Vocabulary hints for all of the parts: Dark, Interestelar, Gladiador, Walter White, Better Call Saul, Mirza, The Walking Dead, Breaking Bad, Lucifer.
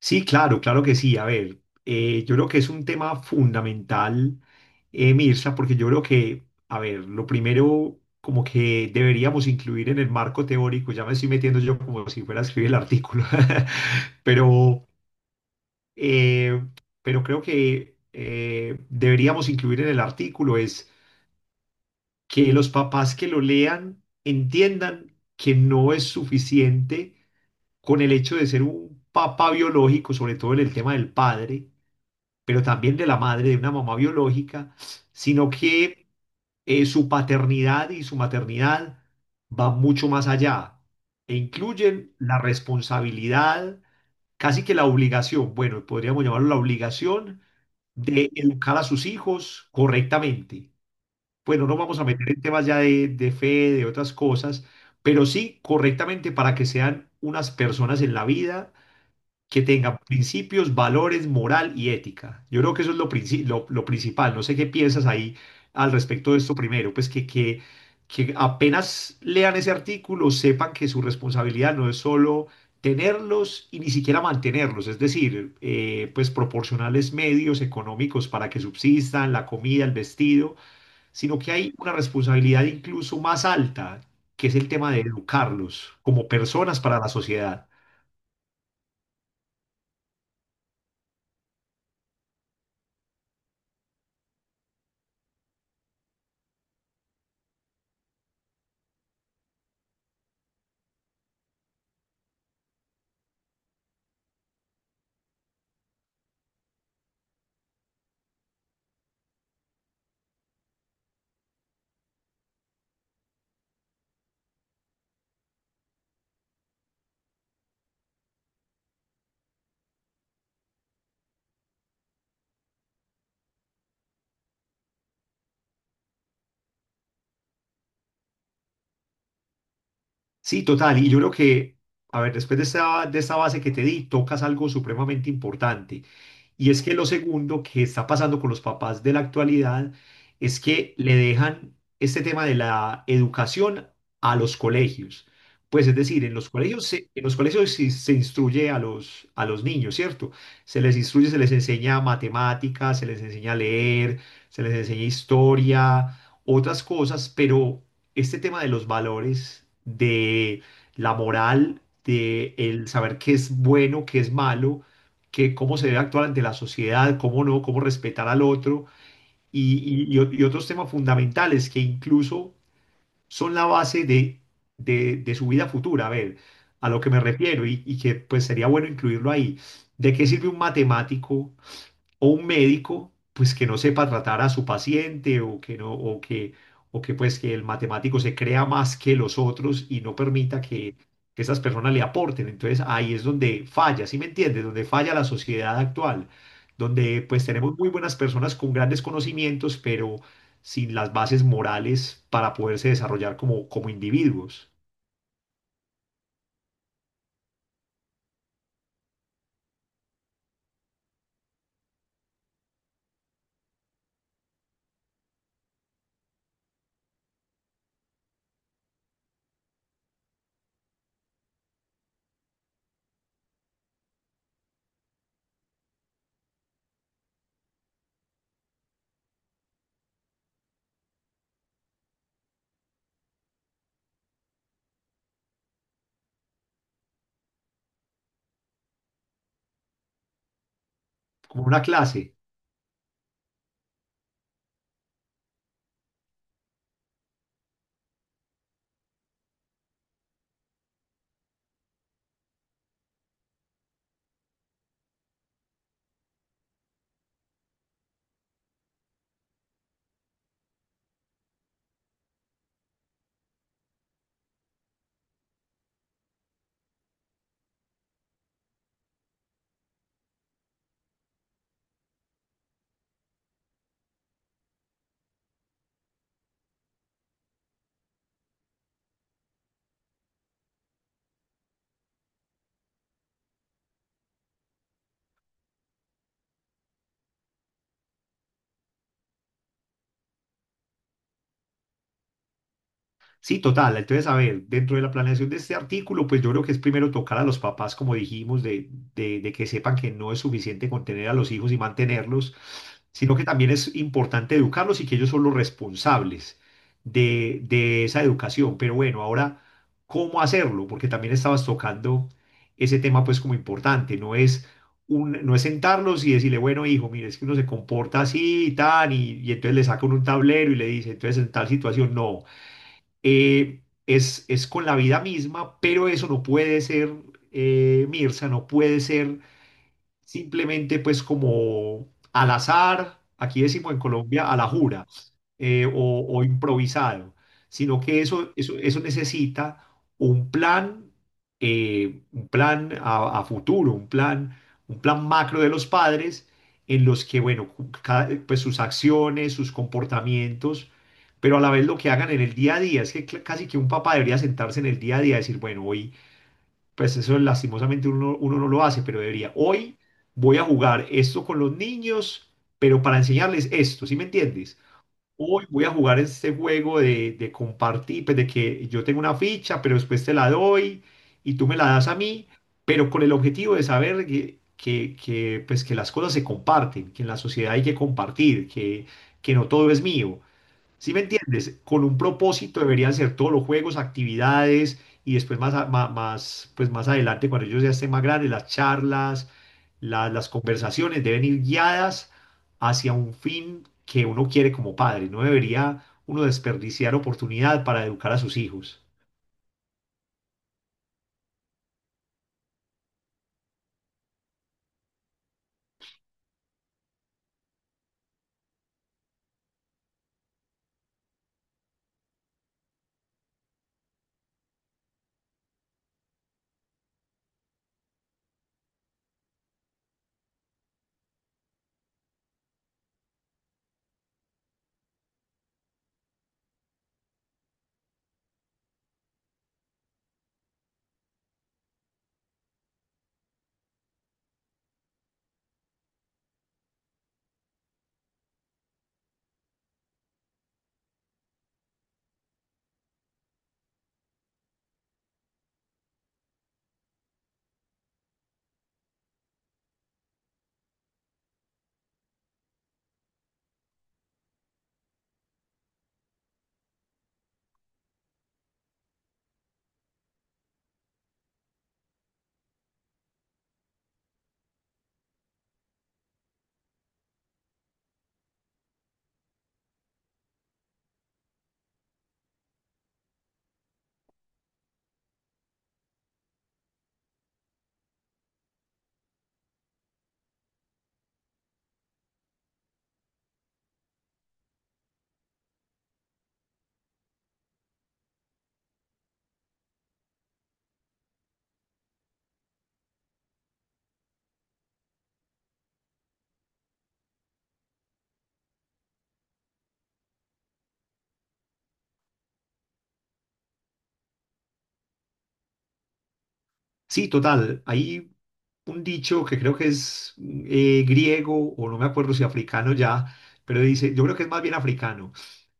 Sí, claro, claro que sí. A ver, yo creo que es un tema fundamental, Mirza, porque yo creo que, a ver, lo primero como que deberíamos incluir en el marco teórico, ya me estoy metiendo yo como si fuera a escribir el artículo, pero, eh, pero creo que deberíamos incluir en el artículo es que los papás que lo lean entiendan que no es suficiente con el hecho de ser un papá biológico, sobre todo en el tema del padre pero también de la madre, de una mamá biológica, sino que su paternidad y su maternidad van mucho más allá e incluyen la responsabilidad, casi que la obligación, bueno, podríamos llamarlo la obligación de educar a sus hijos correctamente. Bueno, no nos vamos a meter en temas ya de fe, de otras cosas, pero sí correctamente para que sean unas personas en la vida que tengan principios, valores, moral y ética. Yo creo que eso es lo principal. No sé qué piensas ahí al respecto de esto primero, pues que apenas lean ese artículo sepan que su responsabilidad no es solo tenerlos y ni siquiera mantenerlos, es decir, pues proporcionarles medios económicos para que subsistan, la comida, el vestido, sino que hay una responsabilidad incluso más alta, que es el tema de educarlos como personas para la sociedad. Sí, total. Y yo creo que, a ver, después de de esta base que te di, tocas algo supremamente importante. Y es que lo segundo que está pasando con los papás de la actualidad es que le dejan este tema de la educación a los colegios. Pues es decir, en los colegios sí se, instruye a a los niños, ¿cierto? Se les instruye, se les enseña matemáticas, se les enseña a leer, se les enseña historia, otras cosas, pero este tema de los valores, de la moral, de el saber qué es bueno, qué es malo, que cómo se debe actuar ante la sociedad, cómo no, cómo respetar al otro y, y otros temas fundamentales que incluso son la base de su vida futura. A ver, a lo que me refiero y que pues sería bueno incluirlo ahí. ¿De qué sirve un matemático? O un médico, pues que no sepa tratar a su paciente o que no, o que pues que el matemático se crea más que los otros y no permita que esas personas le aporten. Entonces ahí es donde falla, ¿sí me entiendes? Donde falla la sociedad actual, donde pues tenemos muy buenas personas con grandes conocimientos, pero sin las bases morales para poderse desarrollar como, como individuos, como una clase. Sí, total. Entonces, a ver, dentro de la planeación de este artículo, pues yo creo que es primero tocar a los papás, como dijimos, de que sepan que no es suficiente con tener a los hijos y mantenerlos, sino que también es importante educarlos y que ellos son los responsables de esa educación. Pero bueno, ahora, ¿cómo hacerlo? Porque también estabas tocando ese tema, pues como importante, no es... no es sentarlos y decirle, bueno, hijo, mire, es que uno se comporta así y tal, y entonces le saca uno un tablero y le dice, entonces en tal situación, no es con la vida misma, pero eso no puede ser, Mirza, no puede ser simplemente pues como al azar, aquí decimos en Colombia, a la jura o improvisado, sino que eso necesita un plan, un plan a futuro, un plan macro de los padres en los que, bueno, pues sus acciones, sus comportamientos, pero a la vez lo que hagan en el día a día. Es que casi que un papá debería sentarse en el día a día y decir, bueno, hoy, pues eso lastimosamente uno no lo hace, pero debería, hoy voy a jugar esto con los niños, pero para enseñarles esto, ¿sí me entiendes? Hoy voy a jugar este juego de compartir, pues de que yo tengo una ficha, pero después te la doy y tú me la das a mí, pero con el objetivo de saber pues que las cosas se comparten, que en la sociedad hay que compartir, que no todo es mío. ¿Sí me entiendes? Con un propósito deberían ser todos los juegos, actividades y después más, más, pues más adelante, cuando ellos ya estén más grandes, las charlas, las conversaciones deben ir guiadas hacia un fin que uno quiere como padre. No debería uno desperdiciar oportunidad para educar a sus hijos. Sí, total. Hay un dicho que creo que es griego o no me acuerdo si africano ya, pero dice, yo creo que es más bien africano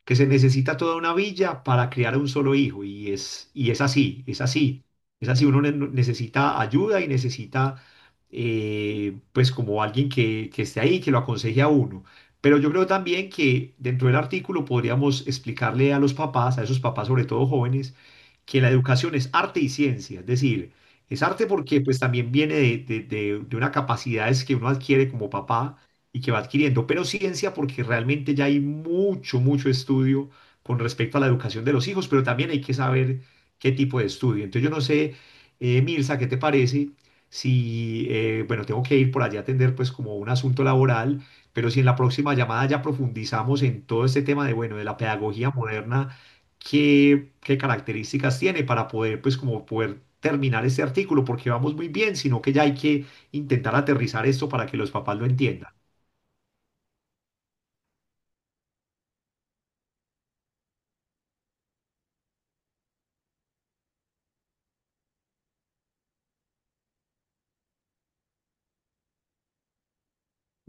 que se necesita toda una villa para criar a un solo hijo y es así, es así, es así, uno necesita ayuda y necesita pues como alguien que esté ahí, que lo aconseje a uno. Pero yo creo también que dentro del artículo podríamos explicarle a los papás, a esos papás sobre todo jóvenes, que la educación es arte y ciencia, es decir, es arte porque pues también viene de una capacidades que uno adquiere como papá y que va adquiriendo, pero ciencia porque realmente ya hay mucho, mucho estudio con respecto a la educación de los hijos, pero también hay que saber qué tipo de estudio. Entonces yo no sé, Mirza, ¿qué te parece? Si, bueno, tengo que ir por allá a atender pues como un asunto laboral, pero si en la próxima llamada ya profundizamos en todo este tema de, bueno, de la pedagogía moderna qué, qué características tiene para poder, pues, como poder terminar este artículo, porque vamos muy bien, sino que ya hay que intentar aterrizar esto para que los papás lo entiendan.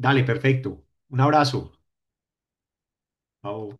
Dale, perfecto. Un abrazo. Chao.